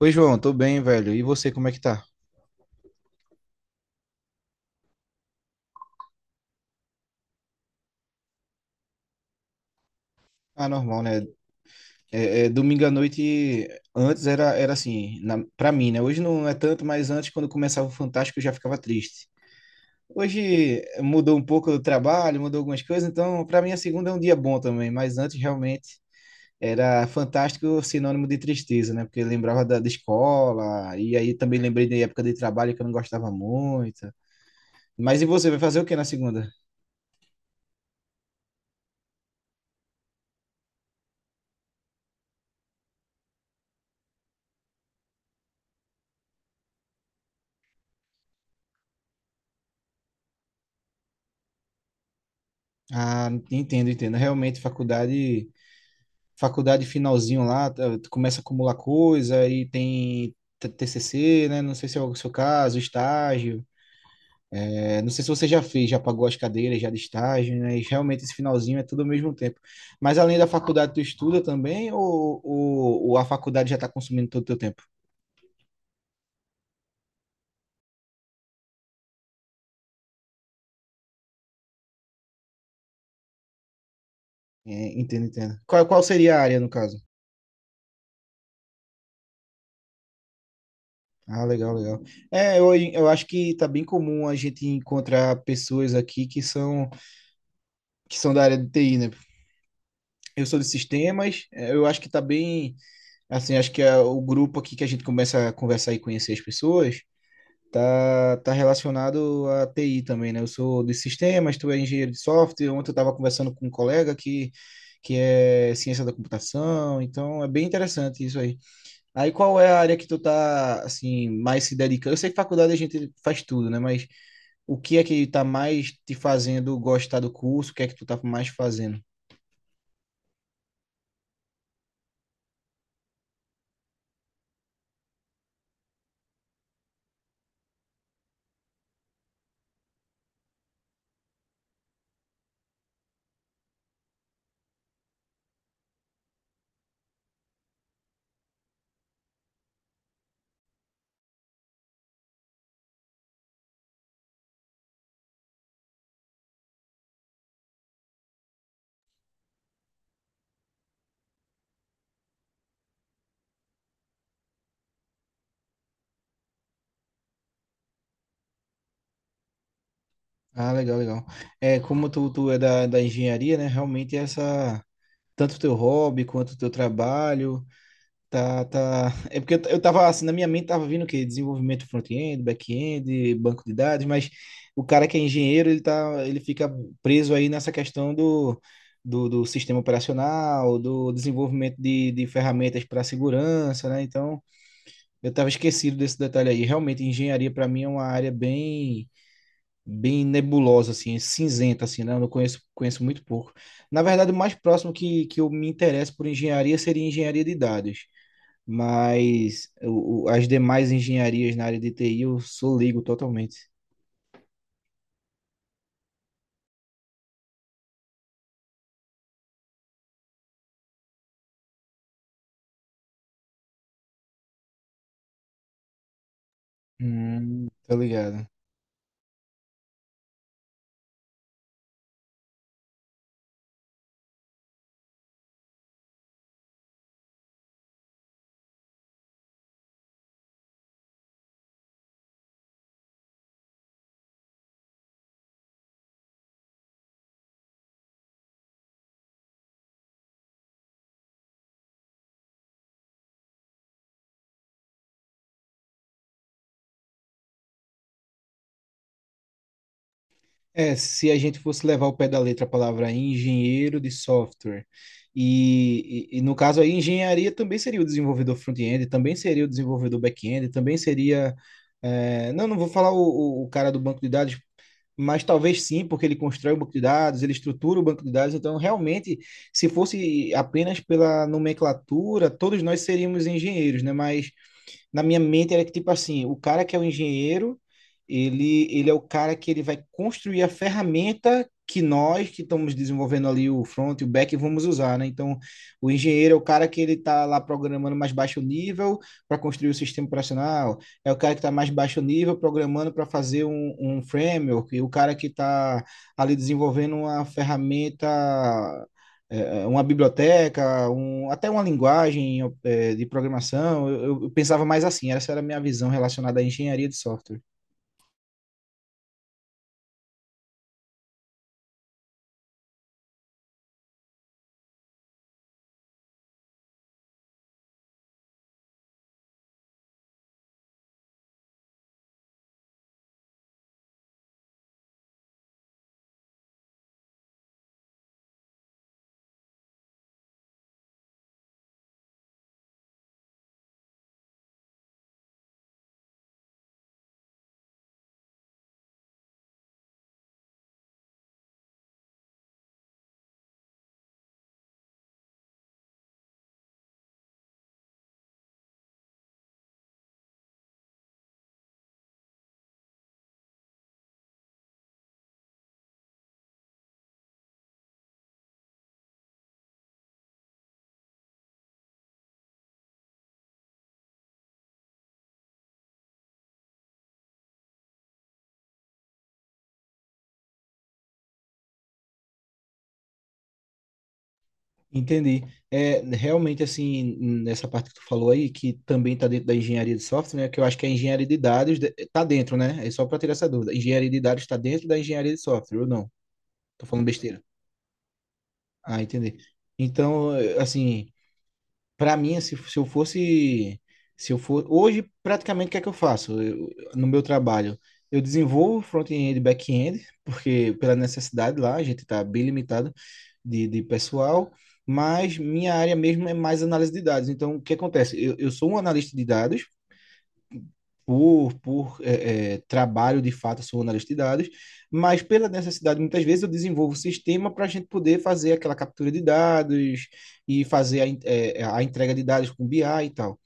Oi, João, tô bem, velho. E você, como é que tá? Ah, normal, né? Domingo à noite, antes era assim, pra mim, né? Hoje não é tanto, mas antes, quando começava o Fantástico, eu já ficava triste. Hoje mudou um pouco o trabalho, mudou algumas coisas, então pra mim a segunda é um dia bom também, mas antes realmente era Fantástico sinônimo de tristeza, né? Porque eu lembrava da escola, e aí também lembrei da época de trabalho que eu não gostava muito. Mas e você, vai fazer o que na segunda? Ah, entendo, entendo. Realmente, faculdade. Faculdade finalzinho lá, tá, tu começa a acumular coisa e tem TCC, né? Não sei se é o seu caso, estágio. É, não sei se você já fez, já pagou as cadeiras já de estágio, né? E realmente esse finalzinho é tudo ao mesmo tempo. Mas além da faculdade, tu estuda também ou a faculdade já está consumindo todo o teu tempo? É, entendo, entendo. Qual seria a área, no caso? Ah, legal, legal. Eu acho que tá bem comum a gente encontrar pessoas aqui que são da área de TI, né? Eu sou de sistemas, eu acho que tá bem. Assim, acho que é o grupo aqui que a gente começa a conversar e conhecer as pessoas, tá relacionado à TI também, né? Eu sou de sistemas, tu é engenheiro de software. Ontem eu estava conversando com um colega que é ciência da computação, então é bem interessante isso aí. Aí qual é a área que tu tá, assim, mais se dedicando? Eu sei que faculdade a gente faz tudo, né? Mas o que é que tá mais te fazendo gostar do curso? O que é que tu tá mais fazendo? Ah, legal, legal. É, como tu é da engenharia, né? Realmente essa, tanto o teu hobby quanto o teu trabalho. Tá, tá. É porque eu tava assim, na minha mente tava vindo o quê? Desenvolvimento front-end, back-end, banco de dados, mas o cara que é engenheiro, ele fica preso aí nessa questão do sistema operacional, do desenvolvimento de ferramentas para segurança, né? Então, eu tava esquecido desse detalhe aí. Realmente, engenharia para mim é uma área bem, bem nebulosa, assim, cinzenta, assim, né? Eu não conheço, conheço muito pouco. Na verdade, o mais próximo que eu me interesso por engenharia seria engenharia de dados, mas as demais engenharias na área de TI eu sou leigo totalmente. Tô ligado. É, se a gente fosse levar ao pé da letra a palavra engenheiro de software, e no caso aí, engenharia também seria o desenvolvedor front-end, também seria o desenvolvedor back-end, também seria. Não, não vou falar o cara do banco de dados, mas talvez sim, porque ele constrói o banco de dados, ele estrutura o banco de dados, então realmente, se fosse apenas pela nomenclatura, todos nós seríamos engenheiros, né? Mas na minha mente era que, tipo assim, o cara que é o engenheiro, ele é o cara que ele vai construir a ferramenta que nós que estamos desenvolvendo ali o front e o back vamos usar, né? Então, o engenheiro é o cara que ele está lá programando mais baixo nível para construir o sistema operacional, é o cara que está mais baixo nível programando para fazer um framework, e o cara que está ali desenvolvendo uma ferramenta, uma biblioteca, um, até uma linguagem, de programação. Eu pensava mais assim, essa era a minha visão relacionada à engenharia de software. Entendi. É, realmente, assim, nessa parte que tu falou aí, que também está dentro da engenharia de software, né, que eu acho que a engenharia de dados está dentro, né? É só para tirar essa dúvida. Engenharia de dados está dentro da engenharia de software, ou não? Tô falando besteira. Ah, entendi. Então, assim, para mim, se eu fosse, se eu for, hoje praticamente o que é que no meu trabalho? Eu desenvolvo front-end e back-end, porque pela necessidade lá, a gente está bem limitado de pessoal, mas minha área mesmo é mais análise de dados. Então, o que acontece? Eu sou um analista de dados, trabalho, de fato, sou analista de dados, mas pela necessidade, muitas vezes eu desenvolvo o sistema para a gente poder fazer aquela captura de dados e fazer a entrega de dados com BI e tal.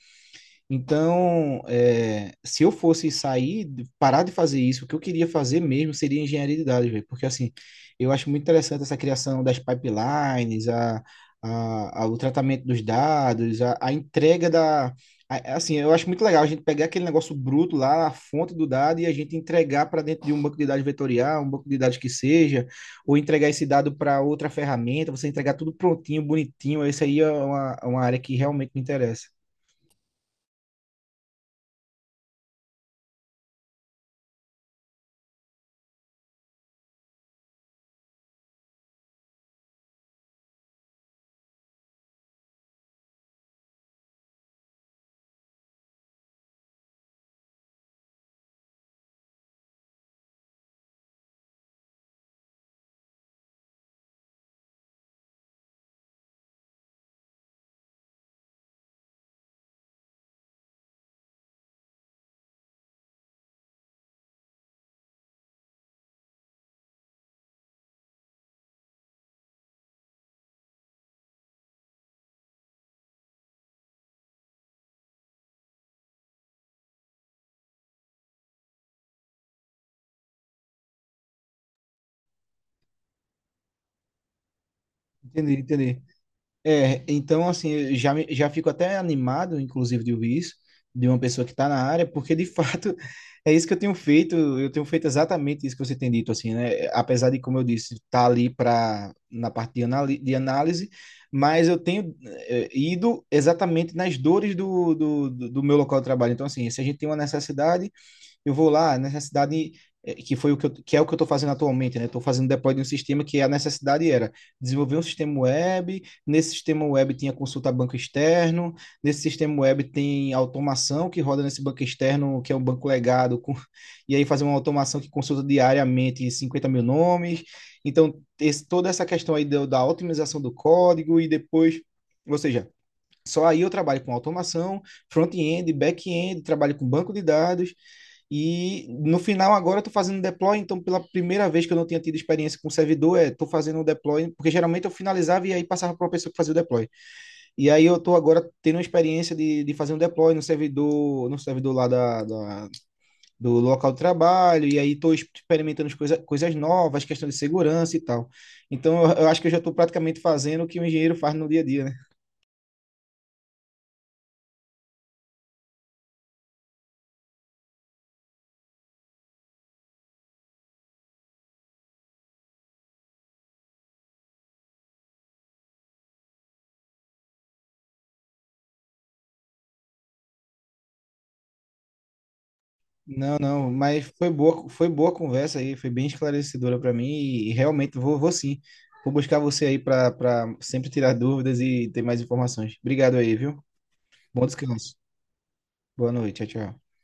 Então, é, se eu fosse sair, parar de fazer isso, o que eu queria fazer mesmo seria engenharia de dados, velho. Porque, assim, eu acho muito interessante essa criação das pipelines, o tratamento dos dados, a entrega da. Assim, eu acho muito legal a gente pegar aquele negócio bruto lá, a fonte do dado, e a gente entregar para dentro de um banco de dados vetorial, um banco de dados que seja, ou entregar esse dado para outra ferramenta, você entregar tudo prontinho, bonitinho. Isso aí é uma área que realmente me interessa. Entendi, entendi. É, então, assim, já fico até animado, inclusive, de ouvir isso, de uma pessoa que está na área, porque, de fato, é isso que eu tenho feito exatamente isso que você tem dito, assim, né? Apesar de, como eu disse, estar tá ali pra, na parte de análise, mas eu tenho ido exatamente nas dores do meu local de trabalho. Então, assim, se a gente tem uma necessidade, eu vou lá, a necessidade, que é o que eu estou fazendo atualmente, né? Estou fazendo deploy de um sistema que a necessidade era desenvolver um sistema web, nesse sistema web tinha consulta a banco externo, nesse sistema web tem automação que roda nesse banco externo, que é um banco legado, com, e aí fazer uma automação que consulta diariamente 50.000 nomes. Então, toda essa questão aí da otimização do código e depois, ou seja, só aí eu trabalho com automação, front-end, back-end, trabalho com banco de dados, e no final agora eu tô fazendo deploy, então pela primeira vez que eu não tinha tido experiência com servidor, é, tô fazendo o deploy, porque geralmente eu finalizava e aí passava para uma pessoa que fazia o deploy. E aí eu tô agora tendo uma experiência de fazer um deploy no servidor, no servidor lá do local de trabalho, e aí tô experimentando coisas novas, questão de segurança e tal. Então eu acho que eu já tô praticamente fazendo o que o engenheiro faz no dia a dia, né? Não, não, mas foi boa a conversa aí, foi bem esclarecedora para mim e realmente vou sim. Vou buscar você aí para sempre tirar dúvidas e ter mais informações. Obrigado aí, viu? Bom descanso. Boa noite, tchau, tchau.